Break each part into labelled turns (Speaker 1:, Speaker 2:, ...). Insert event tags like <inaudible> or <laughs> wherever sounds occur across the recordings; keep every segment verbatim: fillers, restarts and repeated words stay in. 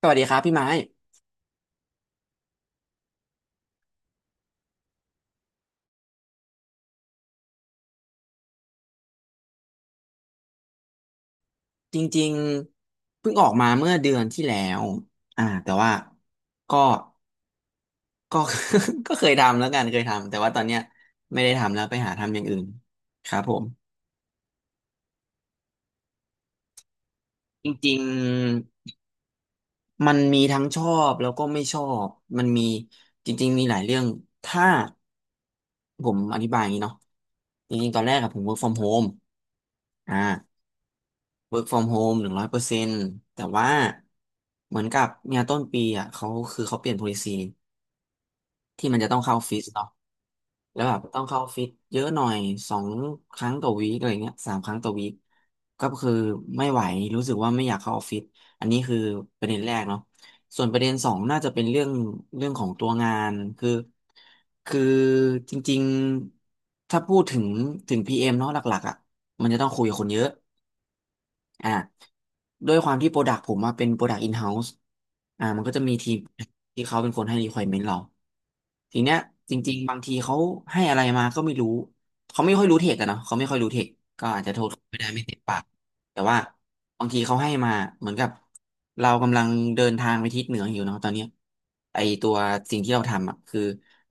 Speaker 1: สวัสดีครับพี่ไม้จริงๆเพิ่งออกมาเมื่อเดือนที่แล้วอ่าแต่ว่าก็ก็ <laughs> ก็เคยทำแล้วกันเคยทำแต่ว่าตอนเนี้ยไม่ได้ทำแล้วไปหาทำอย่างอื่นครับผมจริงๆมันมีทั้งชอบแล้วก็ไม่ชอบมันมีจริงๆมีหลายเรื่องถ้าผมอธิบายอย่างนี้เนาะจริงๆตอนแรกอะผม work from home อ่า work from home หนึ่งร้อยเปอร์เซ็นต์แต่ว่าเหมือนกับเนี่ยต้นปีอ่ะเขาคือเขาเปลี่ยน policy ที่มันจะต้องเข้าออฟฟิศเนาะแล้วแบบต้องเข้าออฟฟิศเยอะหน่อยสองครั้งต่อวีคอะไรเงี้ยสามครั้งต่อวีคก็คือไม่ไหวรู้สึกว่าไม่อยากเข้าออฟฟิศอันนี้คือประเด็นแรกเนาะส่วนประเด็นสองน่าจะเป็นเรื่องเรื่องของตัวงานคือคือจริงๆถ้าพูดถึงถึง พี เอ็ม เอ็มเนาะหลักๆอ่ะมันจะต้องคุยกับคนเยอะ อ่าด้วยความที่โปรดักผมมาเป็นโปรดักอินเฮ้าส์อ่ามันก็จะมีทีมที่เขาเป็นคนให้ requirement เราทีเนี้ยจริงๆบางทีเขาให้อะไรมาก็ไม่รู้เขาไม่ค่อยรู้เทคอะเนาะเขาไม่ค่อยรู้เทคก็อาจจะโทษเขาไม่ได้ไม่เต็มปากแต่ว่าบางทีเขาให้มาเหมือนกับเรากำลังเดินทางไปทิศเหนืออยู่เนาะตอนเนี้ยไอตัวสิ่งที่เราทำอะคือ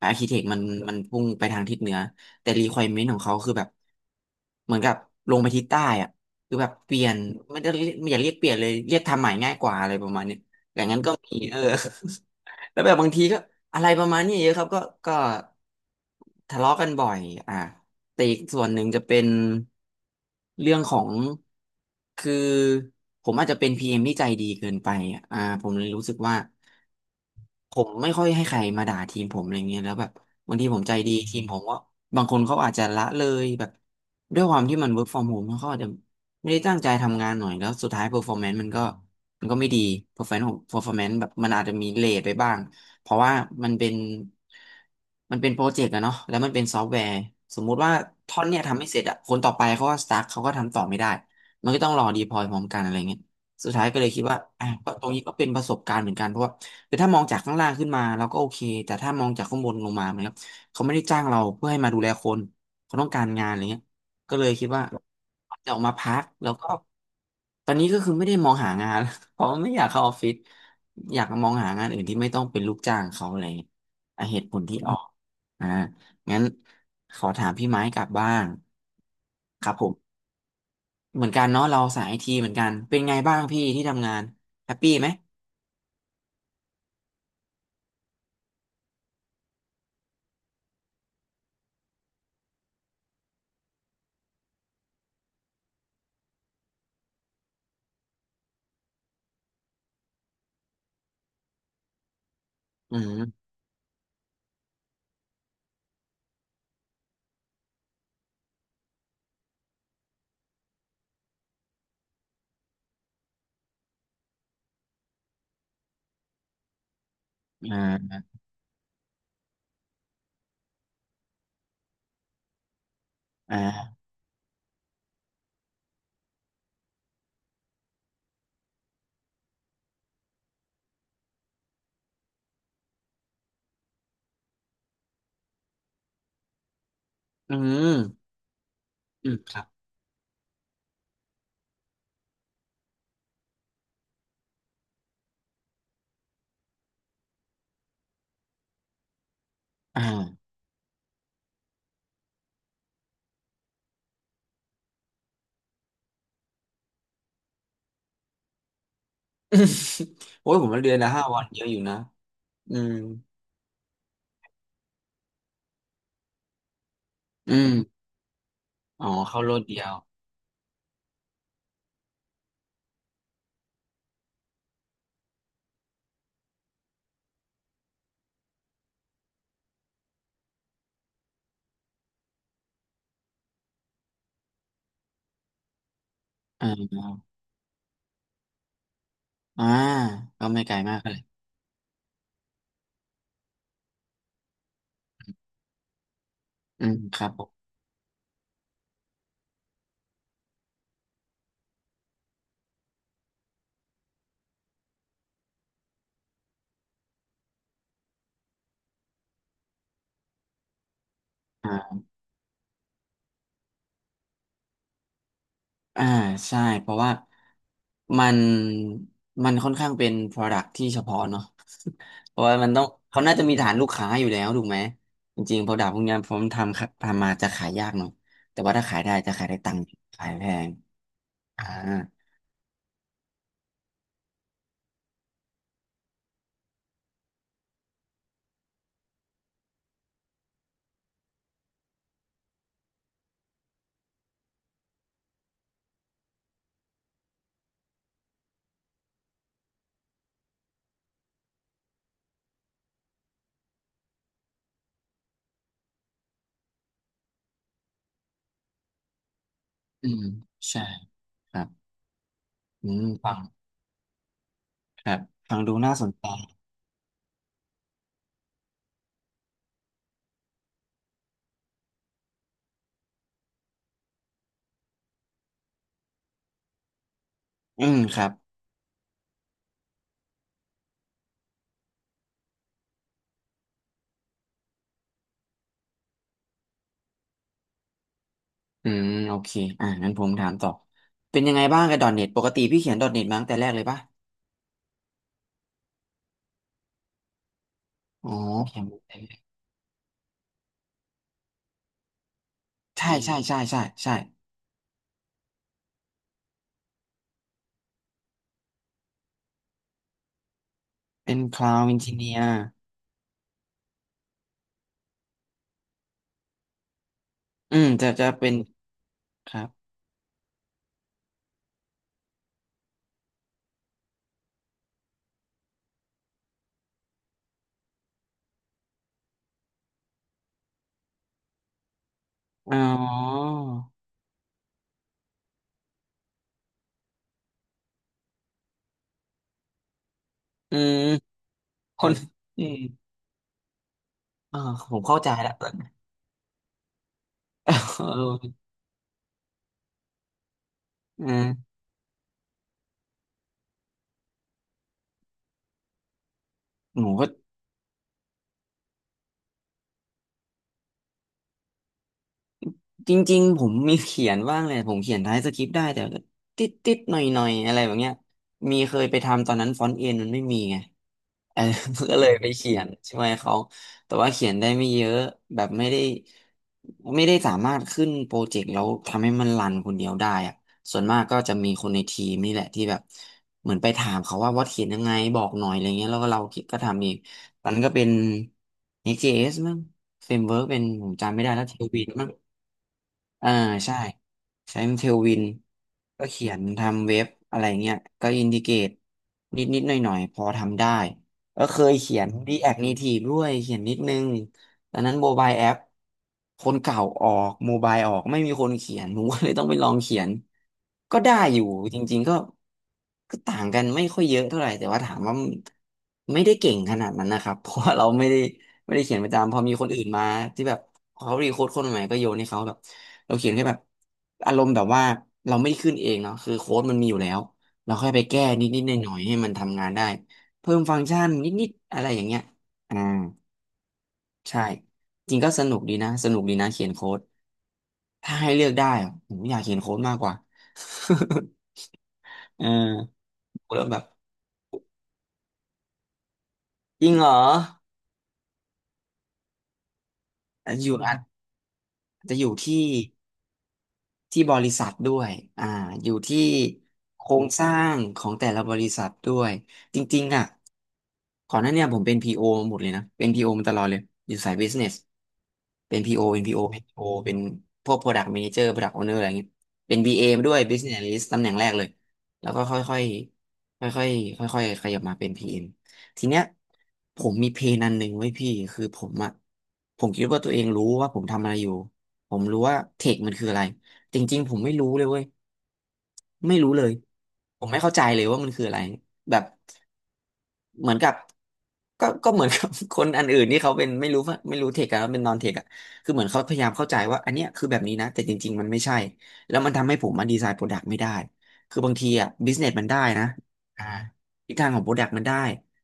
Speaker 1: อาร์คิเทคมันมันพุ่งไปทางทิศเหนือแต่ requirement ของเขาคือแบบเหมือนกับลงไปทิศใต้อะ คือแบบเปลี่ยนไม่ได้เรียกไม่อยากเรียกเปลี่ยนเลยเรียกทำใหม่ง่ายกว่าอะไรประมาณเนี้ยอย่างนั้นก็มีเออ <laughs> แล้วแบบบางทีก็อะไรประมาณนี้เยอะครับก็ก็ทะเลาะกันบ่อยอ่ะแต่อีกส่วนหนึ่งจะเป็นเรื่องของคือผมอาจจะเป็นพีเอ็มที่ใจดีเกินไปอ่ะอ่าผมเลยรู้สึกว่า ผมไม่ค่อยให้ใครมาด่าทีมผมอะไรเงี้ยแล้วแบบบางทีผมใจดีทีมผมก็บางคนเขาอาจจะละเลยแบบด้วยความที่มัน work from home เขาอาจจะไม่ได้ตั้งใจทำงานหน่อยแล้วสุดท้าย performance มันก็มันก็ไม่ดี performance ของ performance แบบมันอาจจะมีเลทไปบ้างเพราะว่ามันเป็นมันเป็นโปรเจกต์อะเนาะแล้วมันเป็นซอฟต์แวร์สมมุติว่าท่อนเนี่ยทำไม่เสร็จอะคนต่อไปเขาก็ stuck เขาก็ทำต่อไม่ได้มันก็ต้องรอ deploy พร้อมกันอะไรเงี้ยสุดท้ายก็เลยคิดว่าอ่ะก็ตรงนี้ก็เป็นประสบการณ์เหมือนกันเพราะว่า คือถ้ามองจากข้างล่างขึ้นมาเราก็โอเคแต่ถ้ามองจากข้างบนลงมาเหมือนกับเขาไม่ได้จ้างเราเพื่อให้มาดูแลคนเขาต้องการงานอะไรเงี้ยก็เลยคิดว่าจะออกมาพักแล้วก็ตอนนี้ก็คือไม่ได้มองหางาน <laughs> เพราะไม่อยากเข้าออฟฟิศอยากมองหางานอื่นที่ไม่ต้องเป็นลูกจ้างเขาอะไรเงี้ยอ่ะเหตุผลที่ออกอ่างั้นขอถามพี่ไม้กลับบ้างครับผมเหมือนกันเนาะเราสายไอทีเหมือนกันเป็นไงบ้างพี่ที่ทำงานแฮปปี้ไหมอืมอ่าอ่า อืมอืมครับอ่า <laughs> อืมโอ้ยผมมาเรียนนะห้าวันเยอะอยู่นะอืมอืมอ๋อเข้ารถเดียวอ่าอ่าก็ไม่ไกลมากเลยอืมครับผมอ่าอ่าใช่เพราะว่ามันมันค่อนข้างเป็น product ที่เฉพาะเนาะ <laughs> เพราะว่ามันต้องเขาน่าจะมีฐานลูกค้าอยู่แล้วถูกไหม จริงๆ product พวกเนี้ยผมทำครับทำมาจะขายยากหน่อยแต่ว่าถ้าขายได้จะขายได้ตังค์ขายแพงอ่าอืมใช่ครับ อืมฟังครับฟังดูน่าสนใจอืมครับอืมโอเคอ่ะงั้นผมถามต่อเป็นยังไงบ้างกับ .ดอทเน็ต ปกติพี่เขียน .ดอทเน็ต มาตั้งแต่แรกเลยปะอ๋อเขียนมาตั้งแต่แรกใช่ใช่ใช่ใช่ใช่เป็น Cloud Engineer อืมจะจะเป็นครับอ๋ออืมคนอืมอ่าผมเข้าใจแล้ว <laughs> เอออืมหนูก็ จริงๆผมมีเขียนบ้างเลยผมเขียนท้ายสคริปต์ได้แต่ก็ติดติดหน่อยหน่อยอะไรแบบเนี้ยมีเคยไปทำตอนนั้นฟอนต์เอ็นมันไม่มีไงเออ <laughs> ก็อเลยไปเขียนช่วยเขาแต่ว่าเขียนได้ไม่เยอะแบบไม่ได้ไม่ได้สามารถขึ้นโปรเจกต์แล้วทำให้มันรันคนเดียวได้อะส่วนมากก็จะมีคนในทีมนี่แหละที่แบบเหมือนไปถามเขาว่าวัดเขียนยังไงบอกหน่อยอะไรเงี้ยแล้วก็เราก็ทำเองตอนนั้นก็เป็น e x s มั้งเฟรมเวิร์กเป็นผมจำไม่ได้แล้วเทลวินมั้ง อ่าใช่ใช้เทลวินก็เขียนทำเว็บอะไรเงี้ยก็อินดิเกตนิดนิดหน่อยหน่อยๆพอทำได้ก็เคยเขียน React Native ด้วยเขียนนิดนึงตอนนั้นโมบายแอปคนเก่าออกโมบายออกไม่มีคนเขียนผมก็เลยต้องไปลองเขียนก็ได้อยู่จริงๆก็ก็ต่างกันไม่ค่อยเยอะเท่าไหร่แต่ว่าถามว่าไม่ได้เก่งขนาดนั้นนะครับ <laughs> เพราะว่าเราไม่ได้ไม่ได้เขียนประจำพอมีคนอื่นมาที่แบบเขารีโค้ดคนใหม่ก็โยนให้เขาแบบ เราเขียนแค่แบบอารมณ์แบบว่าเราไม่ได้ขึ้นเองเนาะคือโค้ดมันมีอยู่แล้วเราค่อยไปแก้นิดๆหน่อยหน่อยๆให้มันทำงานได้เพิ่มฟังก์ชันนิดๆอะไรอย่างเงี้ยอ่าใช่จริงก็สนุกดีนะสนุกดีนะเขียนโค้ดถ้าให้เลือกได้อะผมอยากเขียนโค้ดมากกว่า <laughs> เออแล้วแบบจริงเหรออาจจะอยู่อาจจะอยู่ที่ ที่บริษัทด้วยอ่าอยู่ที่โครงสร้างของแต่ละบริษัทด้วยจริงๆอ่ะก่อนหน้าเนี่ยผมเป็น พี โอ หมดเลยนะเป็น พี โอ มาตลอดเลยอยู่สาย business เป็น พี โอ เป็น พี โอ เป็น พี โอ เป็นพวก product manager product owner อะไรเงี้ยเป็น บี เอ มาด้วย business analyst ตำแหน่งแรกเลยแล้วก็ค่อยๆค่อยๆค่อยๆขยับมาเป็น พี เอ็ม ทีเนี้ยผมมีเพนอันหนึ่งไว้ยพี่คือผมอะผมคิดว่าตัวเองรู้ว่าผมทำอะไรอยู่ผมรู้ว่าเทคมันคืออะไร จริงๆผมไม่รู้เลยเว้ยไม่รู้เลยผมไม่เข้าใจเลยว่ามันคืออะไรแบบเหมือนกับก็ก็เหมือนกับ <laughs> คนอันอื่นที่เขาเป็นไม่รู้ว่าไม่รู้เทคอะเป็นนอนเทคอะคือเหมือนเขาพยายามเข้าใจว่าอันเนี้ยคือแบบนี้นะแต่จริงๆมันไม่ใช่แล้วมันทำให้ผมมาดีไซน์โปรดักต์ไม่ได้คือบางทีอะบิสเนสมันได้นะอ่าทิศทางของโปรดักต์มันได้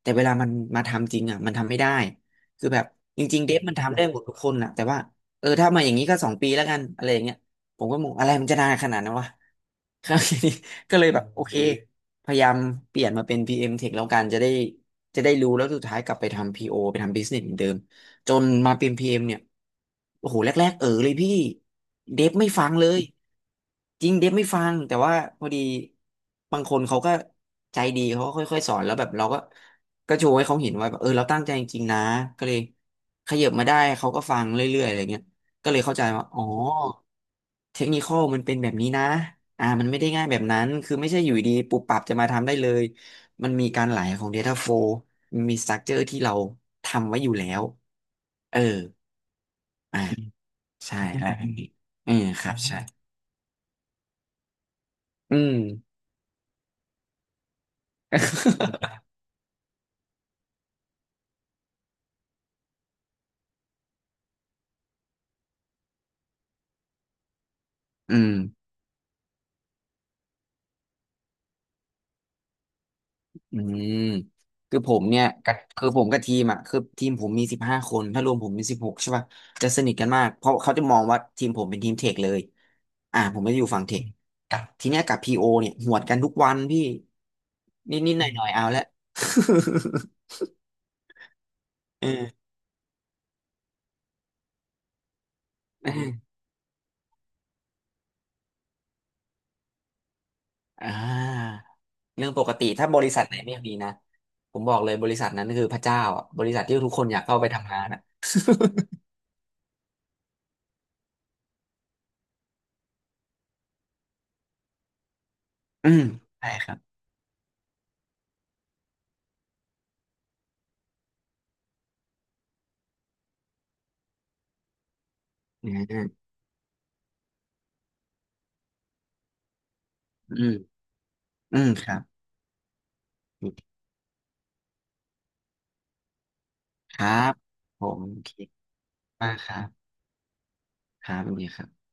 Speaker 1: แต่เวลามันมาทำจริงอะมันทำไม่ได้คือแบบจริงๆเดฟมันทำได้หมดทุกคนนะแต่ว่าเออถ้ามาอย่างนี้ก็สองปีแล้วกันอะไรอย่างเงี้ย ผมก็มองอะไรมันจะนานขนาดนั้นวะครับทีนี้ <laughs> ก็เลยแบบโอเคพยายามเปลี่ยนมาเป็น พี เอ็ม Tech แล้วกันจะได้จะได้รู้แล้วสุดท้ายกลับไปทำ พี โอ ไปทำ Business เหมือนเดิมจนมาเป็น พี เอ็ม เอ็มเนี่ยโอ้โหแรกๆเออเลยพี่เดฟไม่ฟังเลย จริงเดฟไม่ฟังแต่ว่าพอดีบางคนเขาก็ใจดีเขาก็ค่อยๆสอนแล้วแบบเราก็ก็โชว์ให้เขาเห็นว่าแบบเออเราตั้งใจจริงๆนะก็เลยขยับมาได้เขาก็ฟังเรื่อยๆอะไรเงี้ยก็เลยเข้าใจว่าอ๋อเทคนิคอลมันเป็นแบบนี้นะอ่ามันไม่ได้ง่ายแบบนั้นคือไม่ใช่อยู่ดีปุบปับจะมาทำได้เลยมันมีการไหลของ Data Flow มันมี Structure ที่เราทำไว้อยู่แล้วเอออ่าใช่อะไรแบบนี้อืมครับใช่อืม <laughs> อืม <laughs> อืมคือผมเนี่ยกับคือผมกับทีมอ่ะคือทีมผมมีสิบห้าคนถ้ารวมผมเป็นสิบหกใช่ป่ะจะสนิทกันมากเพราะเขาจะมองว่าทีมผมเป็นทีมเทคเลยอ่าผมไม่ได้อยู่ฝั่งเทคกับทีเนี้ยกับพีโอเนี่ยหวดกันทุกวันพี่นิดนิดหน่อยหน่อยๆเอาละ <laughs> เออ <laughs> อ่าเรื่องปกติถ้าบริษัทไหนไม่มีนะผมบอกเลยบริษัทนั้นคือพระเจ้าอะบริษัทที่ทุกคนอยากเข้าไปทำงานอ่ะ <laughs> อืมใช่ครับอืมอืมอืมครับ ครับผมคิดมากครับครับสวัสดีครับ